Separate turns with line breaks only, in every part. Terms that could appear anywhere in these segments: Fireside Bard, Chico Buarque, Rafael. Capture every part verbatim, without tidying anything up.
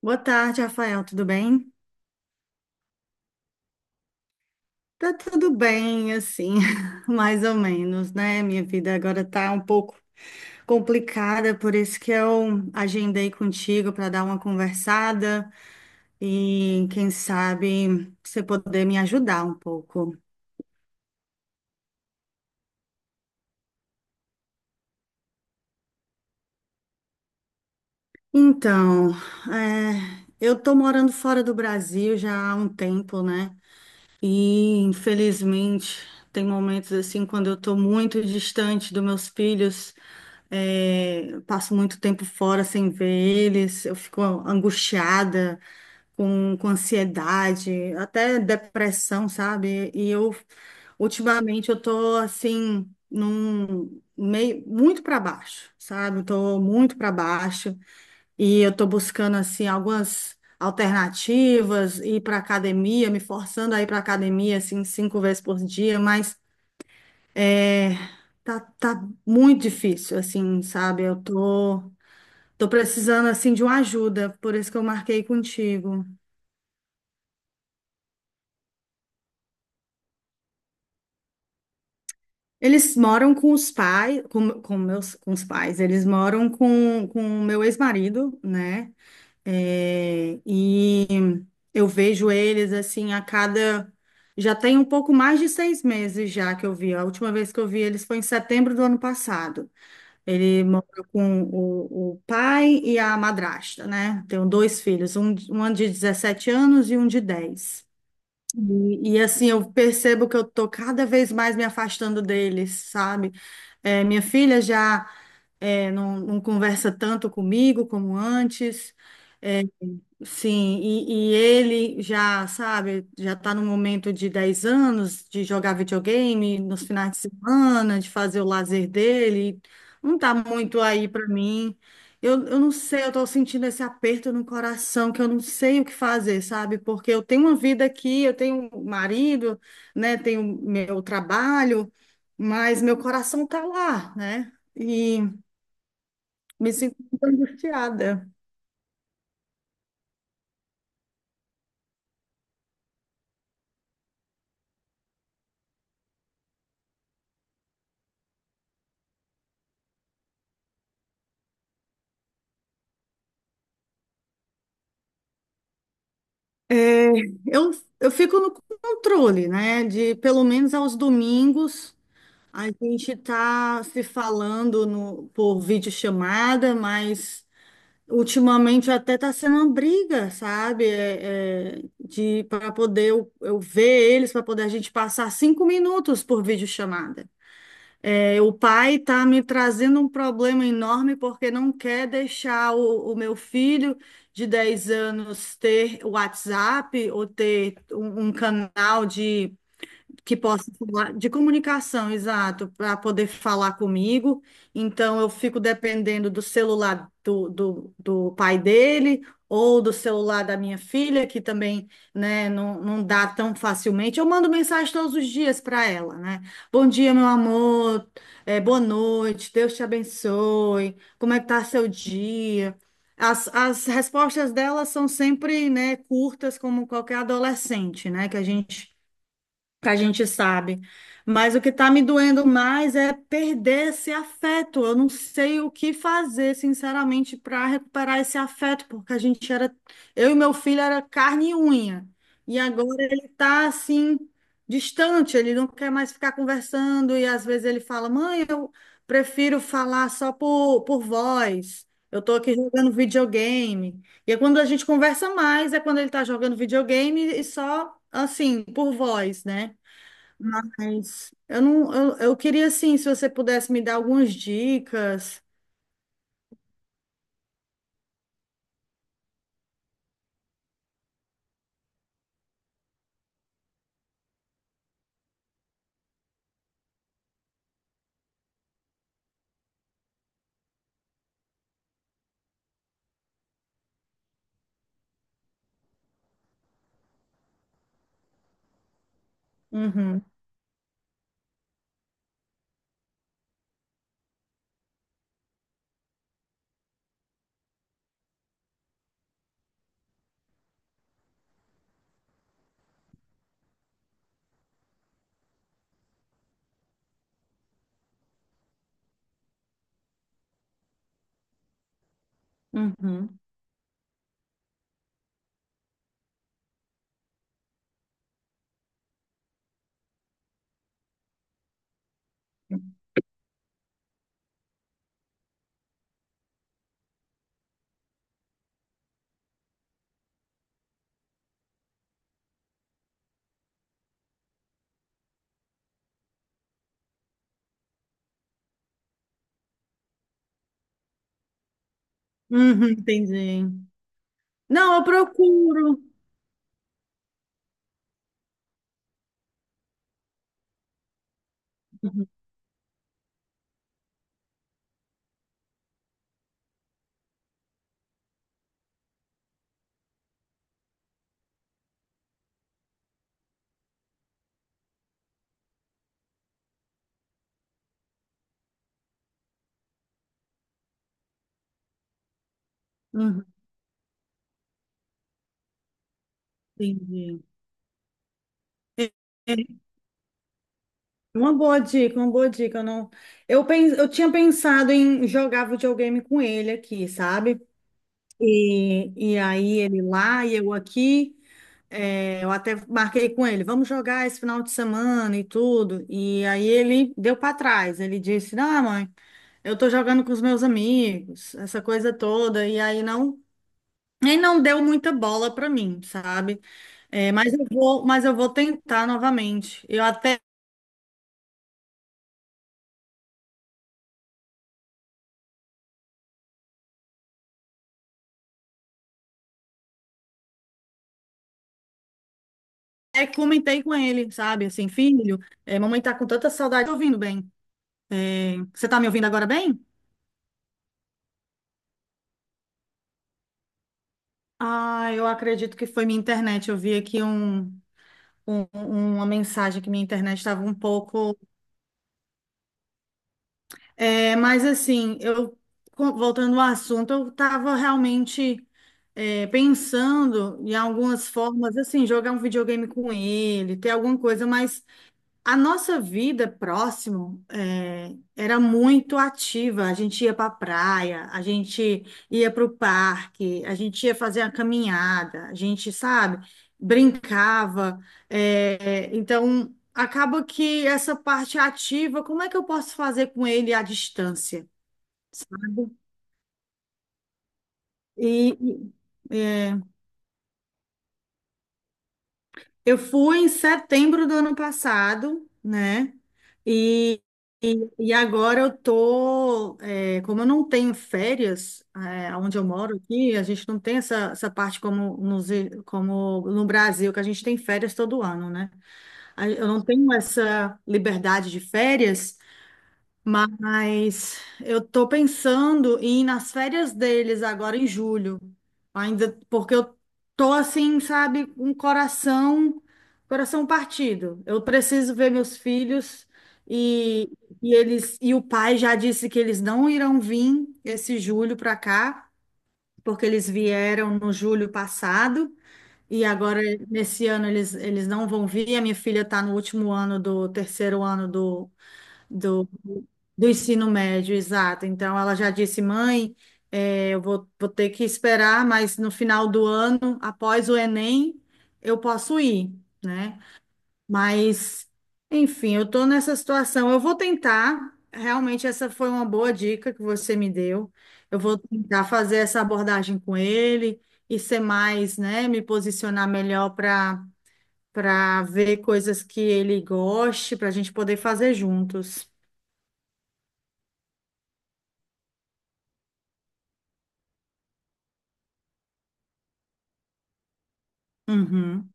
Boa tarde, Rafael. Tudo bem? Tá tudo bem, assim, mais ou menos, né? Minha vida agora tá um pouco complicada, por isso que eu agendei contigo para dar uma conversada e quem sabe você poder me ajudar um pouco. Então, é, eu tô morando fora do Brasil já há um tempo, né? E, infelizmente, tem momentos assim quando eu estou muito distante dos meus filhos, é, eu passo muito tempo fora sem ver eles, eu fico angustiada, com, com ansiedade, até depressão, sabe? E eu, ultimamente, eu tô assim, num meio, muito para baixo, sabe? Eu tô muito para baixo. E eu estou buscando assim algumas alternativas, ir para academia, me forçando a ir para academia assim cinco vezes por dia, mas é, tá, tá muito difícil assim, sabe? Eu tô tô precisando assim de uma ajuda, por isso que eu marquei contigo. Eles moram com os pais, com, com meus com os pais, eles moram com com o meu ex-marido, né? É, e eu vejo eles assim a cada. Já tem um pouco mais de seis meses já que eu vi. A última vez que eu vi eles foi em setembro do ano passado. Ele mora com o, o pai e a madrasta, né? Tenho dois filhos, um, um de dezessete anos e um de dez. E, e, assim, eu percebo que eu tô cada vez mais me afastando deles, sabe? É, minha filha já é, não, não conversa tanto comigo como antes. É, sim, e, e ele já, sabe, já está no momento de dez anos, de jogar videogame nos finais de semana, de fazer o lazer dele, não está muito aí para mim. Eu, eu não sei, eu estou sentindo esse aperto no coração, que eu não sei o que fazer, sabe? Porque eu tenho uma vida aqui, eu tenho um marido, né, tenho meu trabalho, mas meu coração está lá, né? E me sinto muito angustiada. É, eu, eu fico no controle, né? De pelo menos aos domingos a gente tá se falando no, por videochamada, mas ultimamente até tá sendo uma briga, sabe? É, é, de para poder eu, eu ver eles, para poder a gente passar cinco minutos por videochamada. É, o pai está me trazendo um problema enorme porque não quer deixar o, o meu filho de dez anos ter o WhatsApp ou ter um, um canal de que possa falar de comunicação, exato, para poder falar comigo. Então, eu fico dependendo do celular do, do, do pai dele ou do celular da minha filha, que também, né, não, não dá tão facilmente. Eu mando mensagem todos os dias para ela, né? Bom dia, meu amor, é boa noite, Deus te abençoe, como é que tá seu dia? As, as respostas delas são sempre, né, curtas, como qualquer adolescente, né, que a gente que a gente sabe. Mas o que está me doendo mais é perder esse afeto. Eu não sei o que fazer, sinceramente, para recuperar esse afeto, porque a gente era, eu e meu filho era carne e unha. E agora ele está assim distante, ele não quer mais ficar conversando e às vezes ele fala: "Mãe, eu prefiro falar só por, por voz. Eu estou aqui jogando videogame". E é quando a gente conversa mais, é quando ele está jogando videogame e só assim, por voz, né? Mas eu não, eu, eu, queria assim, se você pudesse me dar algumas dicas. Uhum, uhum, uhum, entendi. Não, eu procuro. Uhum, uhum, entendi. É, é, Uma boa dica, uma boa dica. Eu não, eu pens, Eu tinha pensado em jogar videogame com ele aqui, sabe? E, e aí ele lá e eu aqui. É, eu até marquei com ele, vamos jogar esse final de semana e tudo. E aí ele deu para trás. Ele disse, não, mãe. Eu tô jogando com os meus amigos, essa coisa toda, e aí não, nem não deu muita bola pra mim, sabe? É, mas eu vou, mas eu vou tentar novamente. Eu até comentei com ele, sabe? Assim, filho, é, mamãe tá com tanta saudade. Tô ouvindo bem. Você tá me ouvindo agora bem? Ah, eu acredito que foi minha internet. Eu vi aqui um, um- uma mensagem que minha internet estava um pouco. É, mas assim, eu co- voltando ao assunto, eu estava realmente é, pensando em algumas formas, assim, jogar um videogame com ele, ter alguma coisa, mas a nossa vida próximo eh, era muito ativa. A gente ia para a praia, a gente ia para o parque, a gente ia fazer a caminhada, a gente, sabe, brincava. Eh, então, acaba que essa parte ativa, como é que eu posso fazer com ele à distância, sabe? E, e- é, Eu fui em setembro do ano passado, né? E, e, e agora eu tô, é, como eu não tenho férias, é, onde eu moro aqui, a gente não tem essa, essa parte, como, nos, como no Brasil, que a gente tem férias todo ano, né? Aí eu não tenho essa liberdade de férias. Mas eu tô pensando em ir nas férias deles agora em julho. Ainda porque eu tô assim, sabe, com um coração, coração partido. Eu preciso ver meus filhos e, e eles e o pai já disse que eles não irão vir esse julho para cá, porque eles vieram no julho passado. E agora, nesse ano, eles, eles não vão vir. A minha filha está no último ano do terceiro ano do, do ensino médio, exato. Então, ela já disse, mãe, eh, eu vou, vou ter que esperar, mas no final do ano, após o Enem, eu posso ir, né? Mas, enfim, eu estou nessa situação. Eu vou tentar, realmente, essa foi uma boa dica que você me deu. Eu vou tentar fazer essa abordagem com ele e ser mais, né, me posicionar melhor para para ver coisas que ele goste, para a gente poder fazer juntos. Uhum.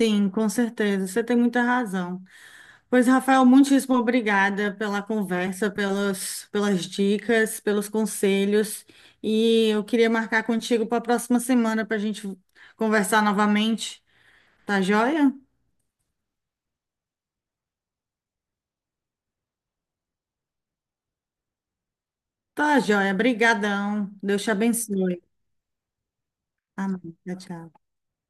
Sim, com certeza. Você tem muita razão. Pois, Rafael, muitíssimo obrigada pela conversa, pelas, pelas dicas, pelos conselhos. E eu queria marcar contigo para a próxima semana para a gente conversar novamente. Tá joia? Tá joia. Obrigadão. Deus te abençoe. Amém. Tchau, tchau.